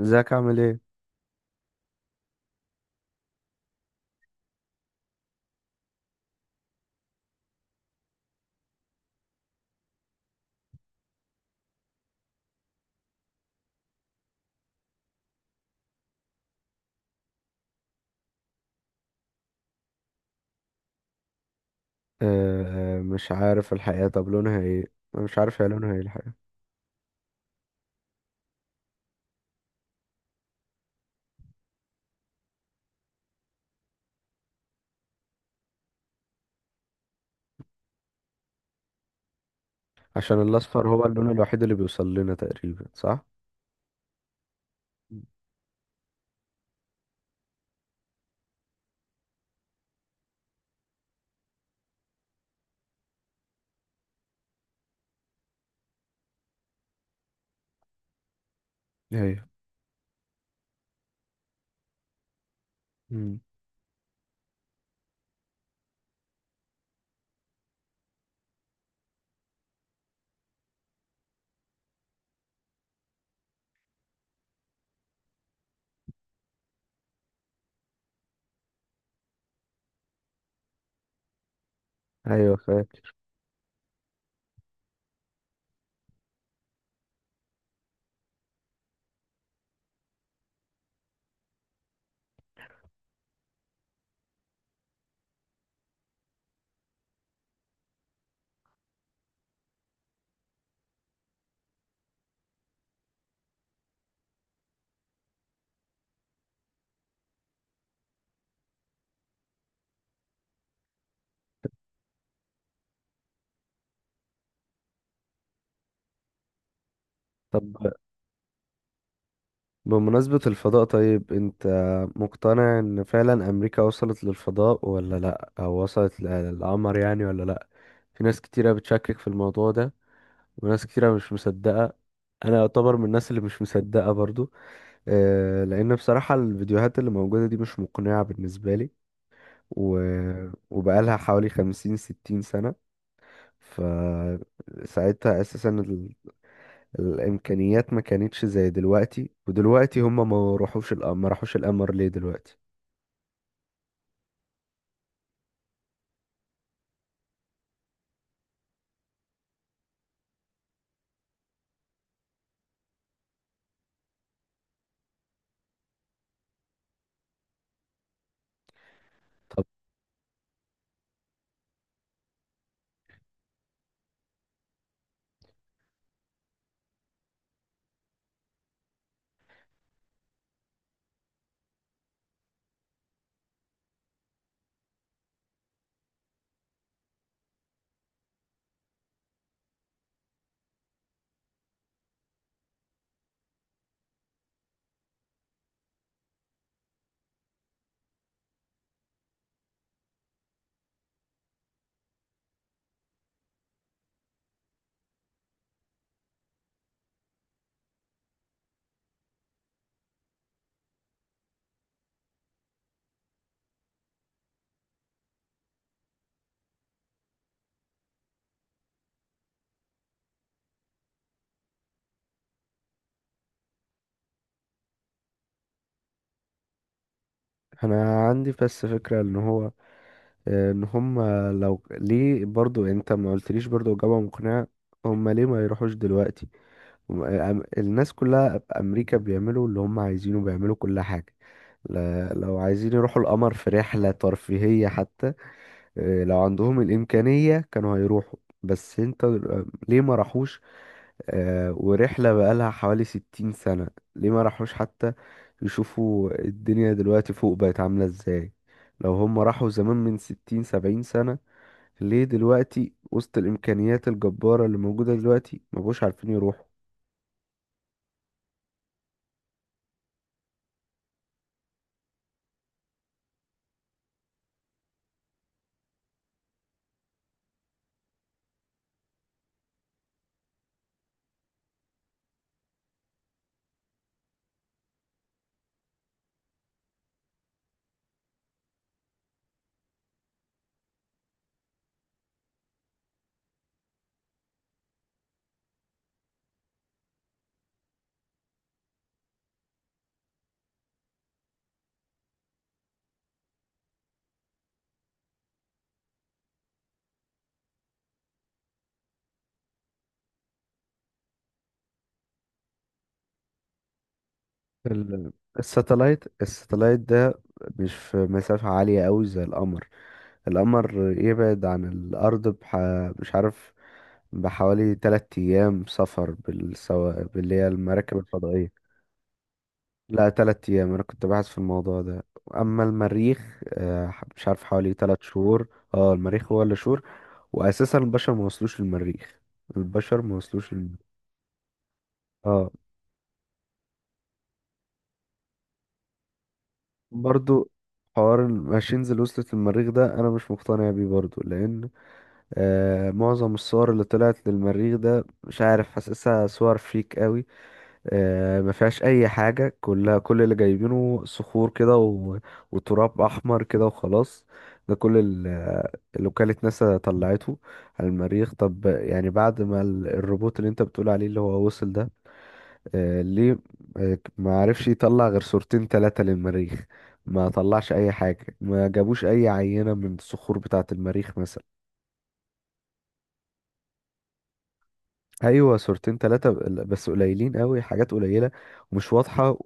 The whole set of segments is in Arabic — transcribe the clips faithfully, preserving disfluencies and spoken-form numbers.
ازيك عامل ايه؟ آه، آه، مش عارف الحقيقة. طب لونها ايه؟ أنا مش عارف هي لونها ايه الحقيقة. عشان الاصفر هو اللون الوحيد اللي بيوصل لنا تقريبا، صح؟ ايوه. مم. ايوه، فاهم. طب، بمناسبة الفضاء، طيب انت مقتنع ان فعلا امريكا وصلت للفضاء ولا لا، او وصلت للقمر يعني ولا لا؟ في ناس كتيرة بتشكك في الموضوع ده، وناس كتيرة مش مصدقة. انا يعتبر من الناس اللي مش مصدقة برضو. آه، لان بصراحة الفيديوهات اللي موجودة دي مش مقنعة بالنسبة لي. و... وبقالها حوالي خمسين ستين سنة. فساعتها أساسا ال... الإمكانيات ما كانتش زي دلوقتي. ودلوقتي هما ما راحوش القمر، ما راحوش القمر ليه دلوقتي؟ طب، أنا عندي بس فكرة إن هو، إن هما لو ليه برضو أنت ما قلتليش برضو إجابة مقنعة. هما ليه ما يروحوش دلوقتي؟ هما- أم- الناس كلها في أمريكا بيعملوا اللي هما عايزينه، بيعملوا كل حاجة. ل- لو عايزين يروحوا القمر في رحلة ترفيهية حتى. آه، لو عندهم الإمكانية كانوا هيروحوا. بس انت دل- ليه ما راحوش؟ آه، ورحلة بقالها حوالي ستين سنة. ليه ما راحوش حتى يشوفوا الدنيا دلوقتي فوق بقت عاملة ازاي؟ لو هم راحوا زمان من ستين سبعين سنة، ليه دلوقتي وسط الإمكانيات الجبارة اللي موجودة دلوقتي ما بقوش عارفين يروحوا؟ ال- الساتلايت الساتلايت ده مش في مسافة عالية أوي زي القمر. القمر يبعد عن الأرض بح... مش عارف، بحوالي تلات أيام سفر بالسوا... باللي هي المراكب الفضائية. لا، تلات أيام، أنا كنت باحث في الموضوع ده. أما المريخ، آه، ح- مش عارف، حوالي تلات شهور. اه، المريخ هو اللي شهور. وأساسا البشر ما وصلوش للمريخ، البشر ما وصلوش للمريخ. اه. برضو حوار الماشينز اللي وصلت للمريخ ده أنا مش مقتنع بيه برضو، لأن آه، معظم الصور اللي طلعت للمريخ ده، مش عارف، حاسسها صور فيك قوي. آه، ما فيهاش اي حاجه، كلها كل اللي جايبينه صخور كده و... وتراب احمر كده وخلاص. ده كل ال- اللي وكالة ناسا طلعته على المريخ. طب يعني بعد ما ال- الروبوت اللي انت بتقول عليه اللي هو وصل ده، آه، ليه آه، ما عرفش يطلع غير صورتين ثلاثة للمريخ؟ ما طلعش اي حاجة، ما جابوش اي عينة من الصخور بتاعة المريخ مثلا. ايوه، صورتين ثلاثة، بس قليلين قوي، حاجات قليلة ومش واضحة.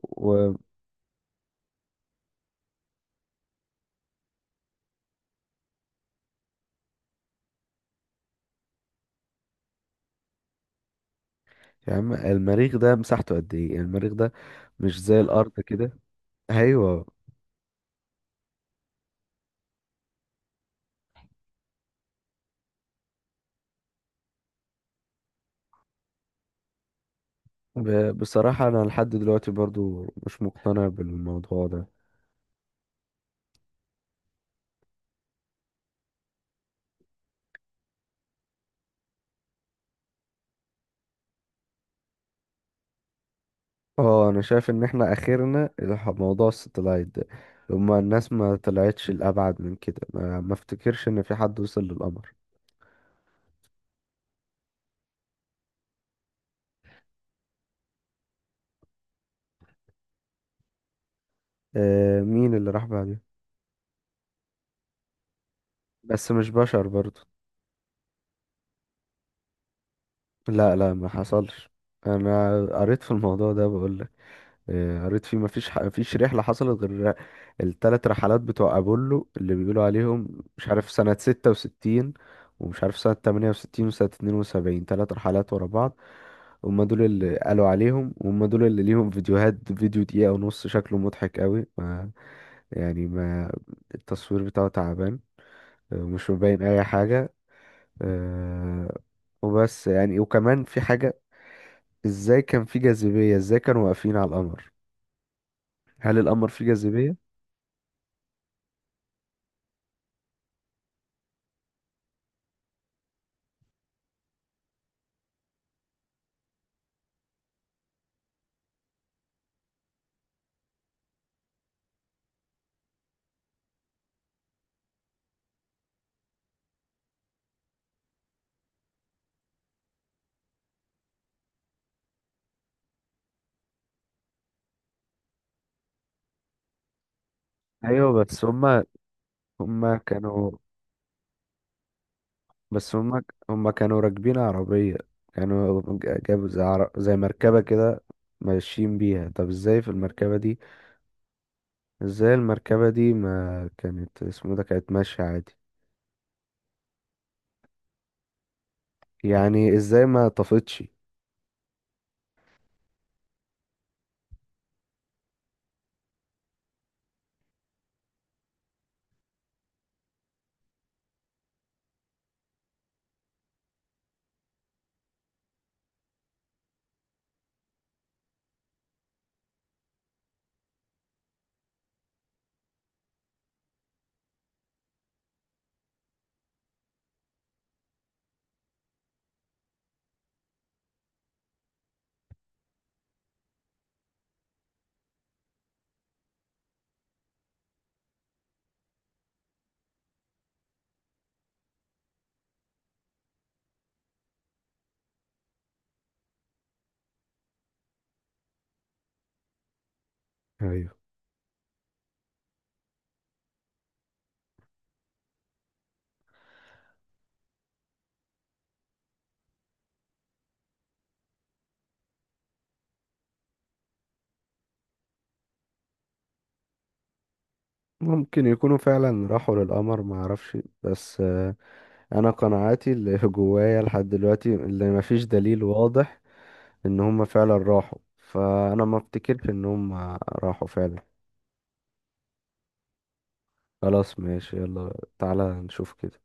يا عم، المريخ ده مساحته قد ايه؟ يعني المريخ ده مش زي الارض كده. ايوه. ب- بصراحة انا لحد دلوقتي برضو مش مقتنع بالموضوع ده. اه، انا شايف ان احنا اخرنا الح- موضوع الستلايت ده. هما الناس ما طلعتش الابعد من كده، ما, ما افتكرش ان في حد وصل للقمر. آه، مين اللي راح بعده؟ بس مش بشر برضو. لا، لا، ما حصلش. انا قريت في الموضوع ده، بقول آه، قريت فيه مفيش ح- مفيش رحلة حصلت غير التلات رحلات بتوع أبولو اللي بيقولوا عليهم مش عارف سنة ستة وستين، ومش عارف سنة تمانية وستين وسنة اتنين وسبعين، تلات رحلات ورا بعض. هما دول اللي قالوا عليهم، وهم دول اللي ليهم فيديوهات، فيديو دقيقة ونص شكله مضحك قوي. ما يعني ما التصوير بتاعه تعبان. آه، ومش مبين أي حاجة. آه، وبس يعني وكمان في حاجة. ازاي كان في جاذبية؟ ازاي كانوا واقفين على القمر؟ هل القمر فيه جاذبية؟ ايوه، بس هما هما كانوا بس هما هما كانوا راكبين عربية. كانوا ج- جابوا زي, عر... زي مركبة كده ماشيين بيها. طب ازاي في المركبة دي؟ ازاي المركبة دي ما كانت اسمه ده، كانت ماشية عادي؟ يعني ازاي ما طفتش؟ ايوه. ممكن يكونوا فعلا راحوا للقمر، ما اعرفش. بس آه، انا قناعاتي اللي جوايا لحد دلوقتي اللي ما فيش دليل واضح ان هما فعلا راحوا، فانا ما افتكرش ان هما راحوا فعلا. خلاص، ماشي، يلا تعالى نشوف كده.